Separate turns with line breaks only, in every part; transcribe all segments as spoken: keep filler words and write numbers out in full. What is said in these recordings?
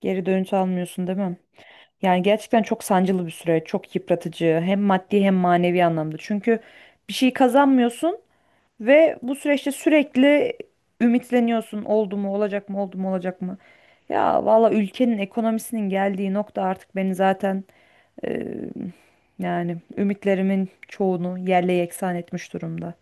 Geri dönüş almıyorsun değil mi? Yani gerçekten çok sancılı bir süreç, çok yıpratıcı hem maddi hem manevi anlamda. Çünkü bir şey kazanmıyorsun ve bu süreçte sürekli ümitleniyorsun. Oldu mu, olacak mı, oldu mu, olacak mı? Ya valla ülkenin ekonomisinin geldiği nokta artık beni zaten e, yani ümitlerimin çoğunu yerle yeksan etmiş durumda.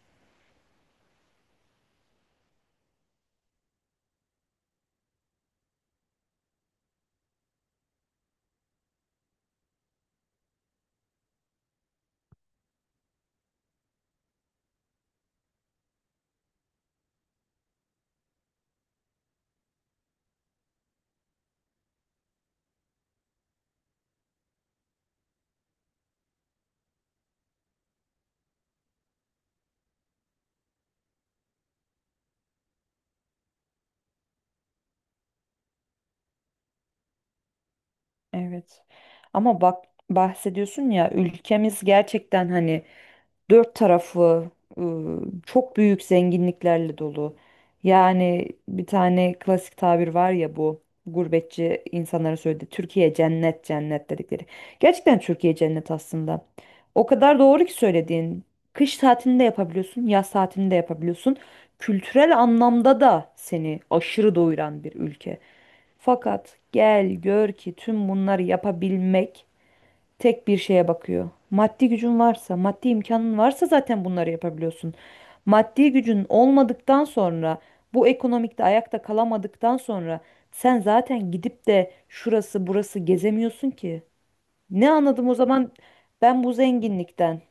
Evet. Ama bak bahsediyorsun ya, ülkemiz gerçekten hani dört tarafı ıı, çok büyük zenginliklerle dolu. Yani bir tane klasik tabir var ya, bu gurbetçi insanlara söyledi. Türkiye cennet cennet dedikleri. Gerçekten Türkiye cennet aslında. O kadar doğru ki söylediğin. Kış tatilinde yapabiliyorsun, yaz tatilinde yapabiliyorsun. Kültürel anlamda da seni aşırı doyuran bir ülke. Fakat gel gör ki tüm bunları yapabilmek tek bir şeye bakıyor. Maddi gücün varsa, maddi imkanın varsa zaten bunları yapabiliyorsun. Maddi gücün olmadıktan sonra, bu ekonomikte ayakta kalamadıktan sonra sen zaten gidip de şurası burası gezemiyorsun ki. Ne anladım o zaman ben bu zenginlikten?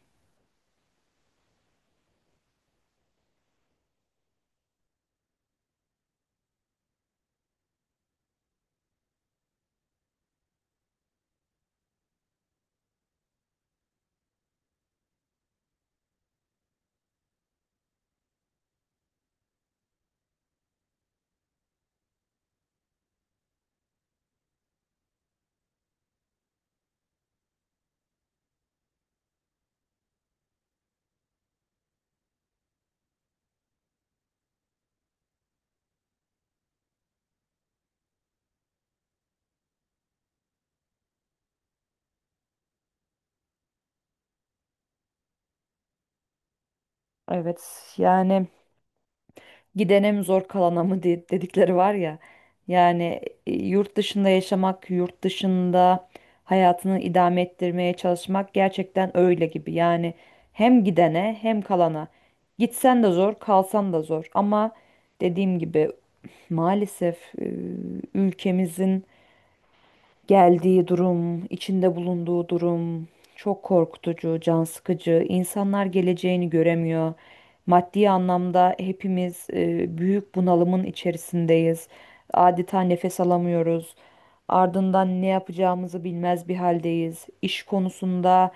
Evet yani gidene mi zor kalana mı de- dedikleri var ya. Yani e, yurt dışında yaşamak, yurt dışında hayatını idame ettirmeye çalışmak gerçekten öyle gibi. Yani hem gidene hem kalana. Gitsen de zor, kalsan da zor. Ama dediğim gibi, maalesef e, ülkemizin geldiği durum, içinde bulunduğu durum çok korkutucu, can sıkıcı. İnsanlar geleceğini göremiyor. Maddi anlamda hepimiz e, büyük bunalımın içerisindeyiz. Adeta nefes alamıyoruz. Ardından ne yapacağımızı bilmez bir haldeyiz. İş konusunda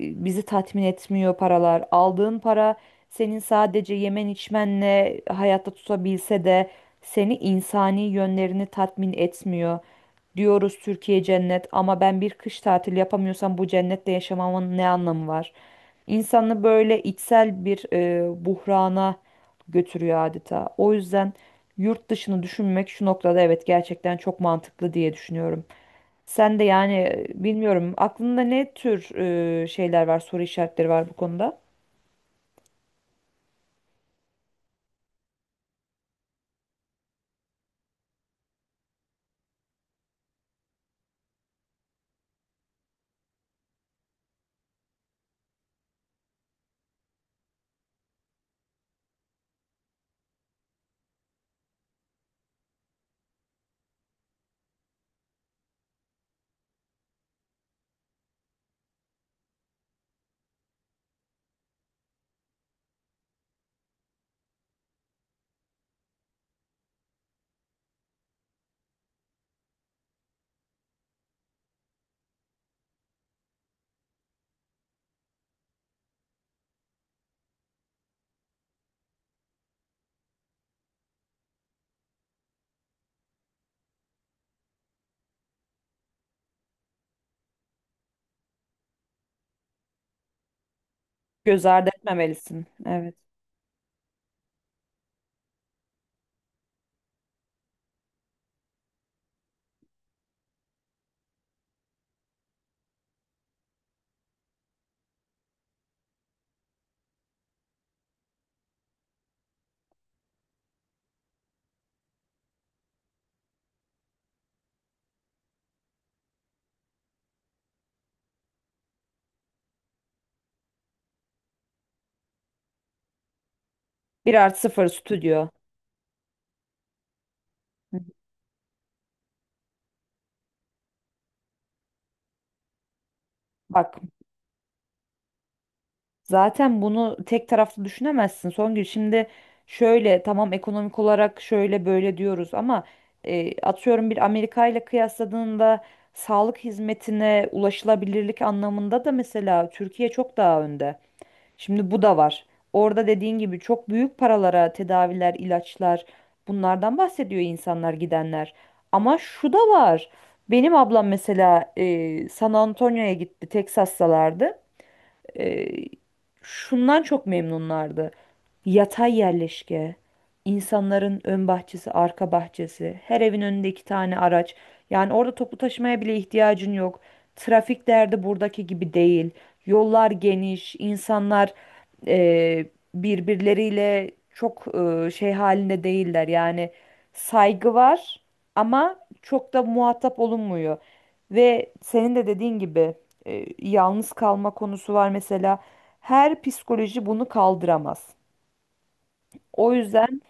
e, bizi tatmin etmiyor paralar. Aldığın para senin sadece yemen içmenle hayatta tutabilse de seni insani yönlerini tatmin etmiyor. Diyoruz Türkiye cennet ama ben bir kış tatili yapamıyorsam bu cennette yaşamamın ne anlamı var? İnsanı böyle içsel bir e, buhrana götürüyor adeta. O yüzden yurt dışını düşünmek şu noktada, evet, gerçekten çok mantıklı diye düşünüyorum. Sen de yani e, bilmiyorum aklında ne tür e, şeyler var, soru işaretleri var bu konuda? Göz ardı etmemelisin. Evet. Bir artı sıfır stüdyo. Hı. Bak, zaten bunu tek taraflı düşünemezsin Songül. Şimdi şöyle, tamam, ekonomik olarak şöyle böyle diyoruz ama e, atıyorum bir Amerika ile kıyasladığında sağlık hizmetine ulaşılabilirlik anlamında da mesela Türkiye çok daha önde. Şimdi bu da var. Orada dediğin gibi çok büyük paralara tedaviler, ilaçlar, bunlardan bahsediyor insanlar gidenler. Ama şu da var. Benim ablam mesela e, San Antonio'ya gitti, Texas'talardı, e, şundan çok memnunlardı. Yatay yerleşke, insanların ön bahçesi, arka bahçesi, her evin önünde iki tane araç. Yani orada toplu taşımaya bile ihtiyacın yok. Trafik derdi buradaki gibi değil. Yollar geniş, insanlar e, birbirleriyle çok e, şey halinde değiller. Yani saygı var ama çok da muhatap olunmuyor. Ve senin de dediğin gibi e, yalnız kalma konusu var mesela. Her psikoloji bunu kaldıramaz. O yüzden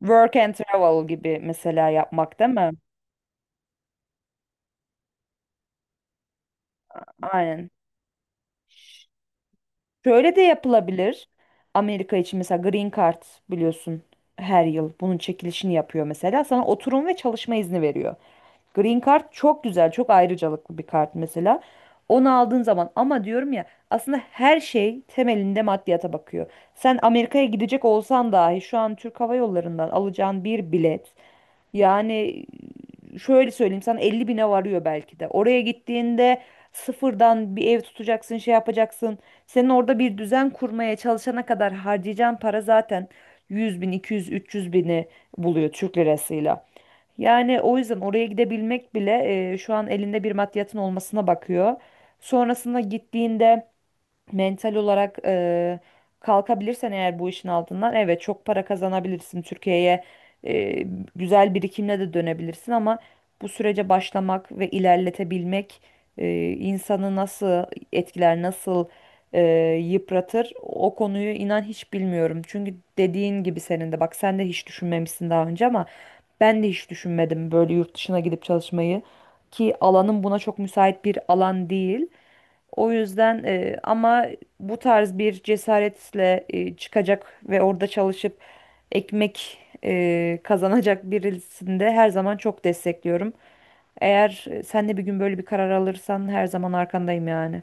work and travel gibi mesela yapmak değil mi? Aynen. Şöyle de yapılabilir. Amerika için mesela Green Card, biliyorsun, her yıl bunun çekilişini yapıyor mesela. Sana oturum ve çalışma izni veriyor. Green Card çok güzel, çok ayrıcalıklı bir kart mesela. Onu aldığın zaman, ama diyorum ya, aslında her şey temelinde maddiyata bakıyor. Sen Amerika'ya gidecek olsan dahi şu an Türk Hava Yolları'ndan alacağın bir bilet, yani şöyle söyleyeyim sana, elli bine varıyor belki de. Oraya gittiğinde sıfırdan bir ev tutacaksın, şey yapacaksın. Senin orada bir düzen kurmaya çalışana kadar harcayacağın para zaten yüz bin, iki yüz, üç yüz bini buluyor Türk lirasıyla. Yani o yüzden oraya gidebilmek bile e, şu an elinde bir maddiyatın olmasına bakıyor. Sonrasında gittiğinde mental olarak e, kalkabilirsen eğer bu işin altından, evet, çok para kazanabilirsin. Türkiye'ye e, güzel birikimle de dönebilirsin ama bu sürece başlamak ve ilerletebilmek e, insanı nasıl etkiler, nasıl e, yıpratır, o konuyu inan hiç bilmiyorum. Çünkü dediğin gibi senin de, bak, sen de hiç düşünmemişsin daha önce ama ben de hiç düşünmedim böyle yurt dışına gidip çalışmayı, ki alanım buna çok müsait bir alan değil. O yüzden e, ama bu tarz bir cesaretle e, çıkacak ve orada çalışıp ekmek e, kazanacak birisini de her zaman çok destekliyorum. Eğer e, sen de bir gün böyle bir karar alırsan her zaman arkandayım yani.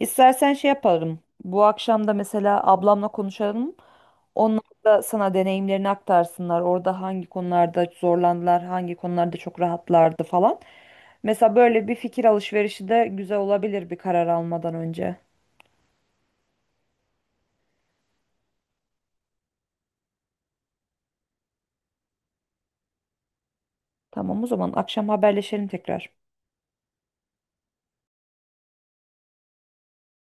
İstersen şey yapalım. Bu akşam da mesela ablamla konuşalım. Onlar da sana deneyimlerini aktarsınlar. Orada hangi konularda zorlandılar, hangi konularda çok rahatlardı falan. Mesela böyle bir fikir alışverişi de güzel olabilir bir karar almadan önce. Tamam, o zaman akşam haberleşelim tekrar.